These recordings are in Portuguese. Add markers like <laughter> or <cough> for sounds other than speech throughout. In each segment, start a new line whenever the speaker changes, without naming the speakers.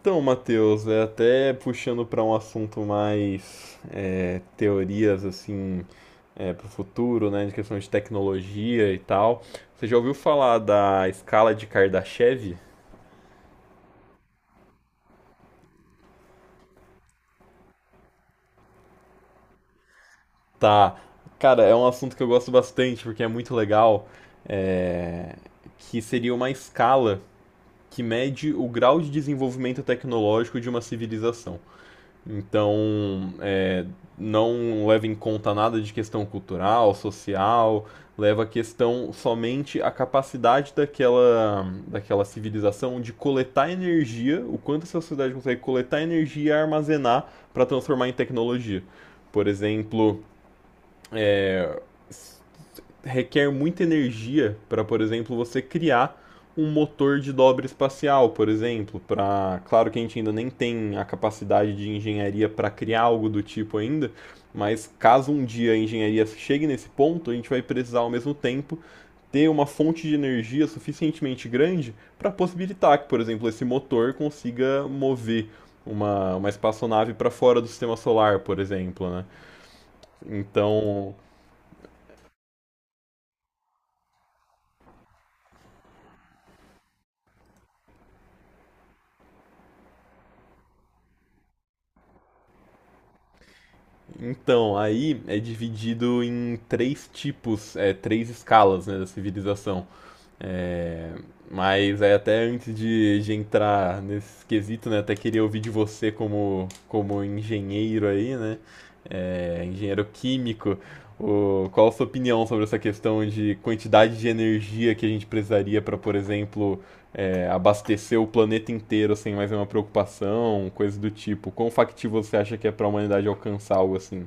Então, Matheus, é até puxando para um assunto mais teorias assim para o futuro, né, de questão de tecnologia e tal. Você já ouviu falar da escala de Kardashev? Tá. Cara, é um assunto que eu gosto bastante porque é muito legal. é, que seria uma escala que mede o grau de desenvolvimento tecnológico de uma civilização. Então, não leva em conta nada de questão cultural, social, leva a questão somente a capacidade daquela civilização de coletar energia, o quanto essa sociedade consegue coletar energia e armazenar para transformar em tecnologia. Por exemplo, requer muita energia para, por exemplo, você criar um motor de dobra espacial, por exemplo, para, claro que a gente ainda nem tem a capacidade de engenharia para criar algo do tipo ainda, mas caso um dia a engenharia chegue nesse ponto, a gente vai precisar ao mesmo tempo ter uma fonte de energia suficientemente grande para possibilitar que, por exemplo, esse motor consiga mover uma espaçonave para fora do sistema solar, por exemplo, né? Então, Então, aí é dividido em três tipos, três escalas, né, da civilização. É, mas aí até antes de entrar nesse quesito, né, até queria ouvir de você como, como engenheiro aí, né, engenheiro químico, o, qual a sua opinião sobre essa questão de quantidade de energia que a gente precisaria para, por exemplo, abastecer o planeta inteiro sem mais nenhuma preocupação, coisa do tipo? Quão factível você acha que é para a humanidade alcançar algo assim?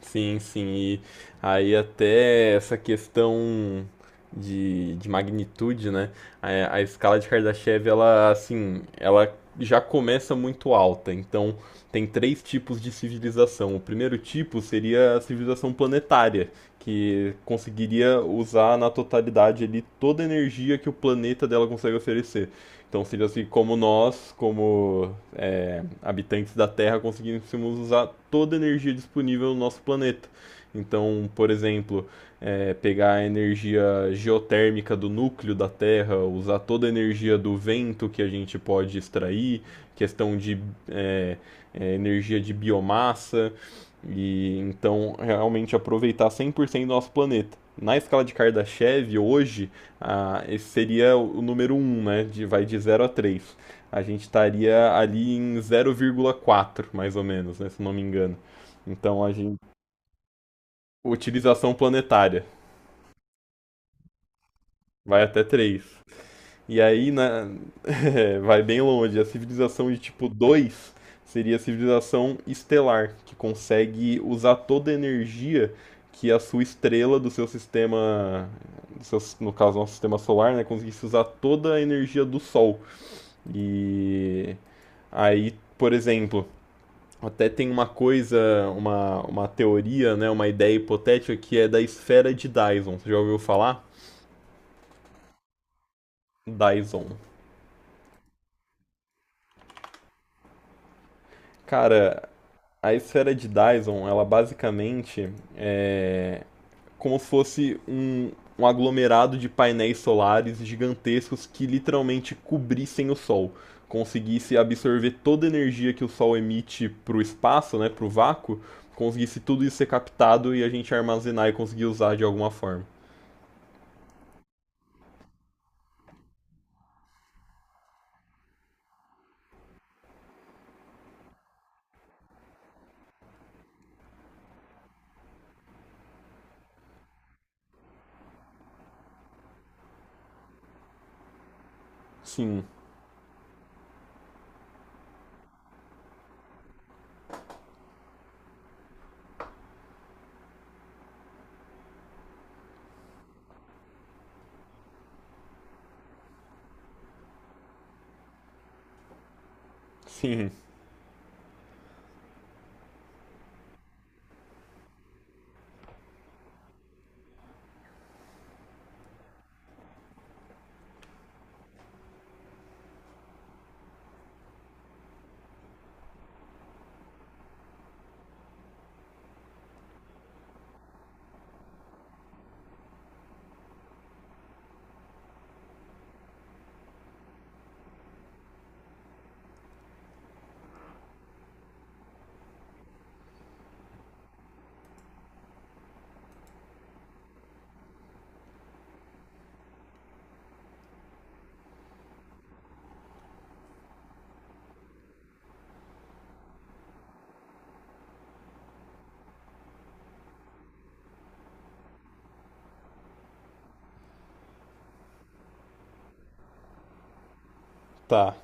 Sim, sim. E aí até essa questão de magnitude, né? A escala de Kardashev, ela assim, ela já começa muito alta. Então tem três tipos de civilização. O primeiro tipo seria a civilização planetária, que conseguiria usar na totalidade ali toda a energia que o planeta dela consegue oferecer. Então seria assim, como nós, como habitantes da Terra, conseguíssemos usar toda a energia disponível no nosso planeta. Então, por exemplo, pegar a energia geotérmica do núcleo da Terra, usar toda a energia do vento que a gente pode extrair, questão de é, energia de biomassa, e então realmente aproveitar 100% do nosso planeta. Na escala de Kardashev, hoje, ah, esse seria o número um, né? De, vai de zero a 3. A gente estaria ali em zero, vírgula quatro, mais ou menos, né? Se não me engano. Então a gente. Utilização planetária. Vai até 3. E aí, na... <laughs> vai bem longe. A civilização de tipo 2 seria a civilização estelar, que consegue usar toda a energia que a sua estrela do seu sistema, no caso, nosso sistema solar, né, conseguisse usar toda a energia do Sol. E aí, por exemplo, até tem uma coisa, uma teoria, né, uma ideia hipotética que é da esfera de Dyson. Você já ouviu falar? Dyson. Cara, a esfera de Dyson, ela basicamente como se fosse um aglomerado de painéis solares gigantescos que literalmente cobrissem o Sol, conseguisse absorver toda a energia que o Sol emite para o espaço, né, para o vácuo, conseguisse tudo isso ser captado e a gente armazenar e conseguir usar de alguma forma. Sim, sim, tá.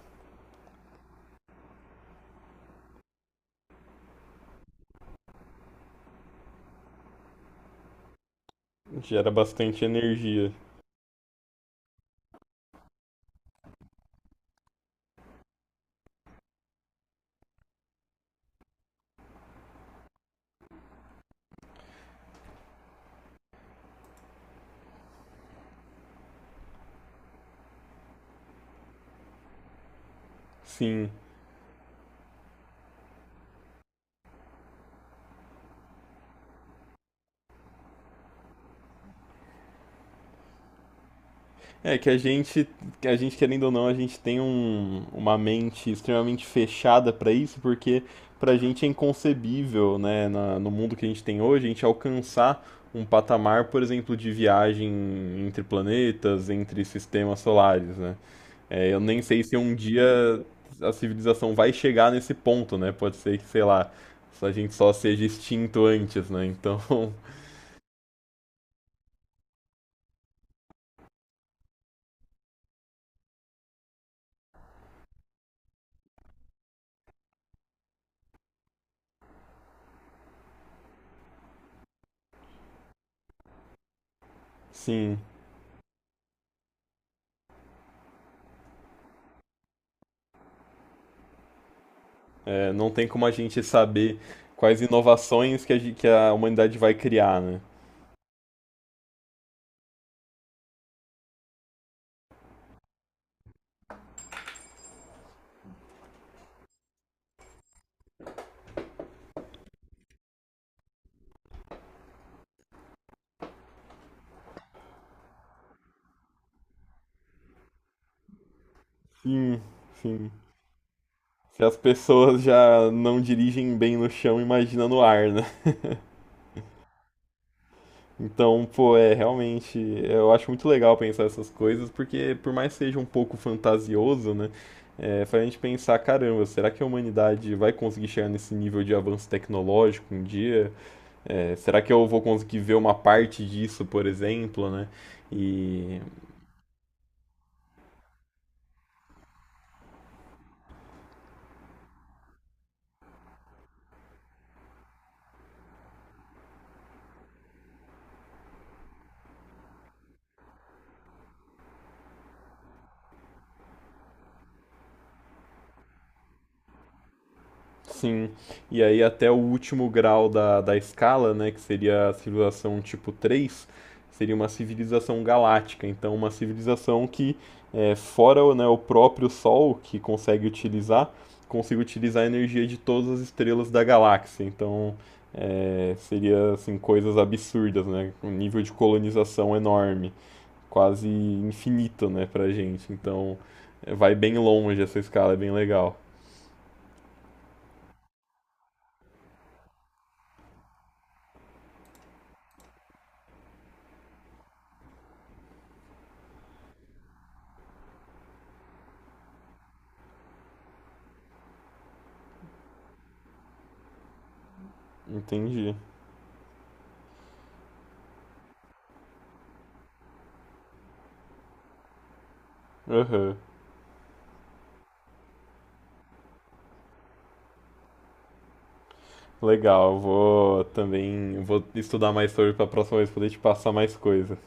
Gera bastante energia. Sim, é que a gente querendo ou não, a gente tem uma mente extremamente fechada para isso, porque pra gente é inconcebível, né, no mundo que a gente tem hoje, a gente alcançar um patamar, por exemplo, de viagem entre planetas, entre sistemas solares, né? É, eu nem sei se um dia a civilização vai chegar nesse ponto, né? Pode ser que, sei lá, a gente só seja extinto antes, né? Então, <laughs> sim. É, não tem como a gente saber quais inovações que que a humanidade vai criar, né? Sim, sim. Se as pessoas já não dirigem bem no chão, imagina no ar, né? Então, pô, é realmente. Eu acho muito legal pensar essas coisas, porque por mais que seja um pouco fantasioso, né? É, faz a gente pensar, caramba, será que a humanidade vai conseguir chegar nesse nível de avanço tecnológico um dia? É, será que eu vou conseguir ver uma parte disso, por exemplo, né? E sim, e aí até o último grau da escala, né, que seria a civilização tipo 3 seria uma civilização galáctica, então uma civilização que, fora né, o próprio Sol, que consegue utilizar a energia de todas as estrelas da galáxia, então seria assim, coisas absurdas, né, um nível de colonização enorme, quase infinito, né, pra gente, então vai bem longe essa escala, é bem legal. Entendi. Aham. Legal, eu vou também, vou estudar mais sobre para a próxima vez poder te passar mais coisas.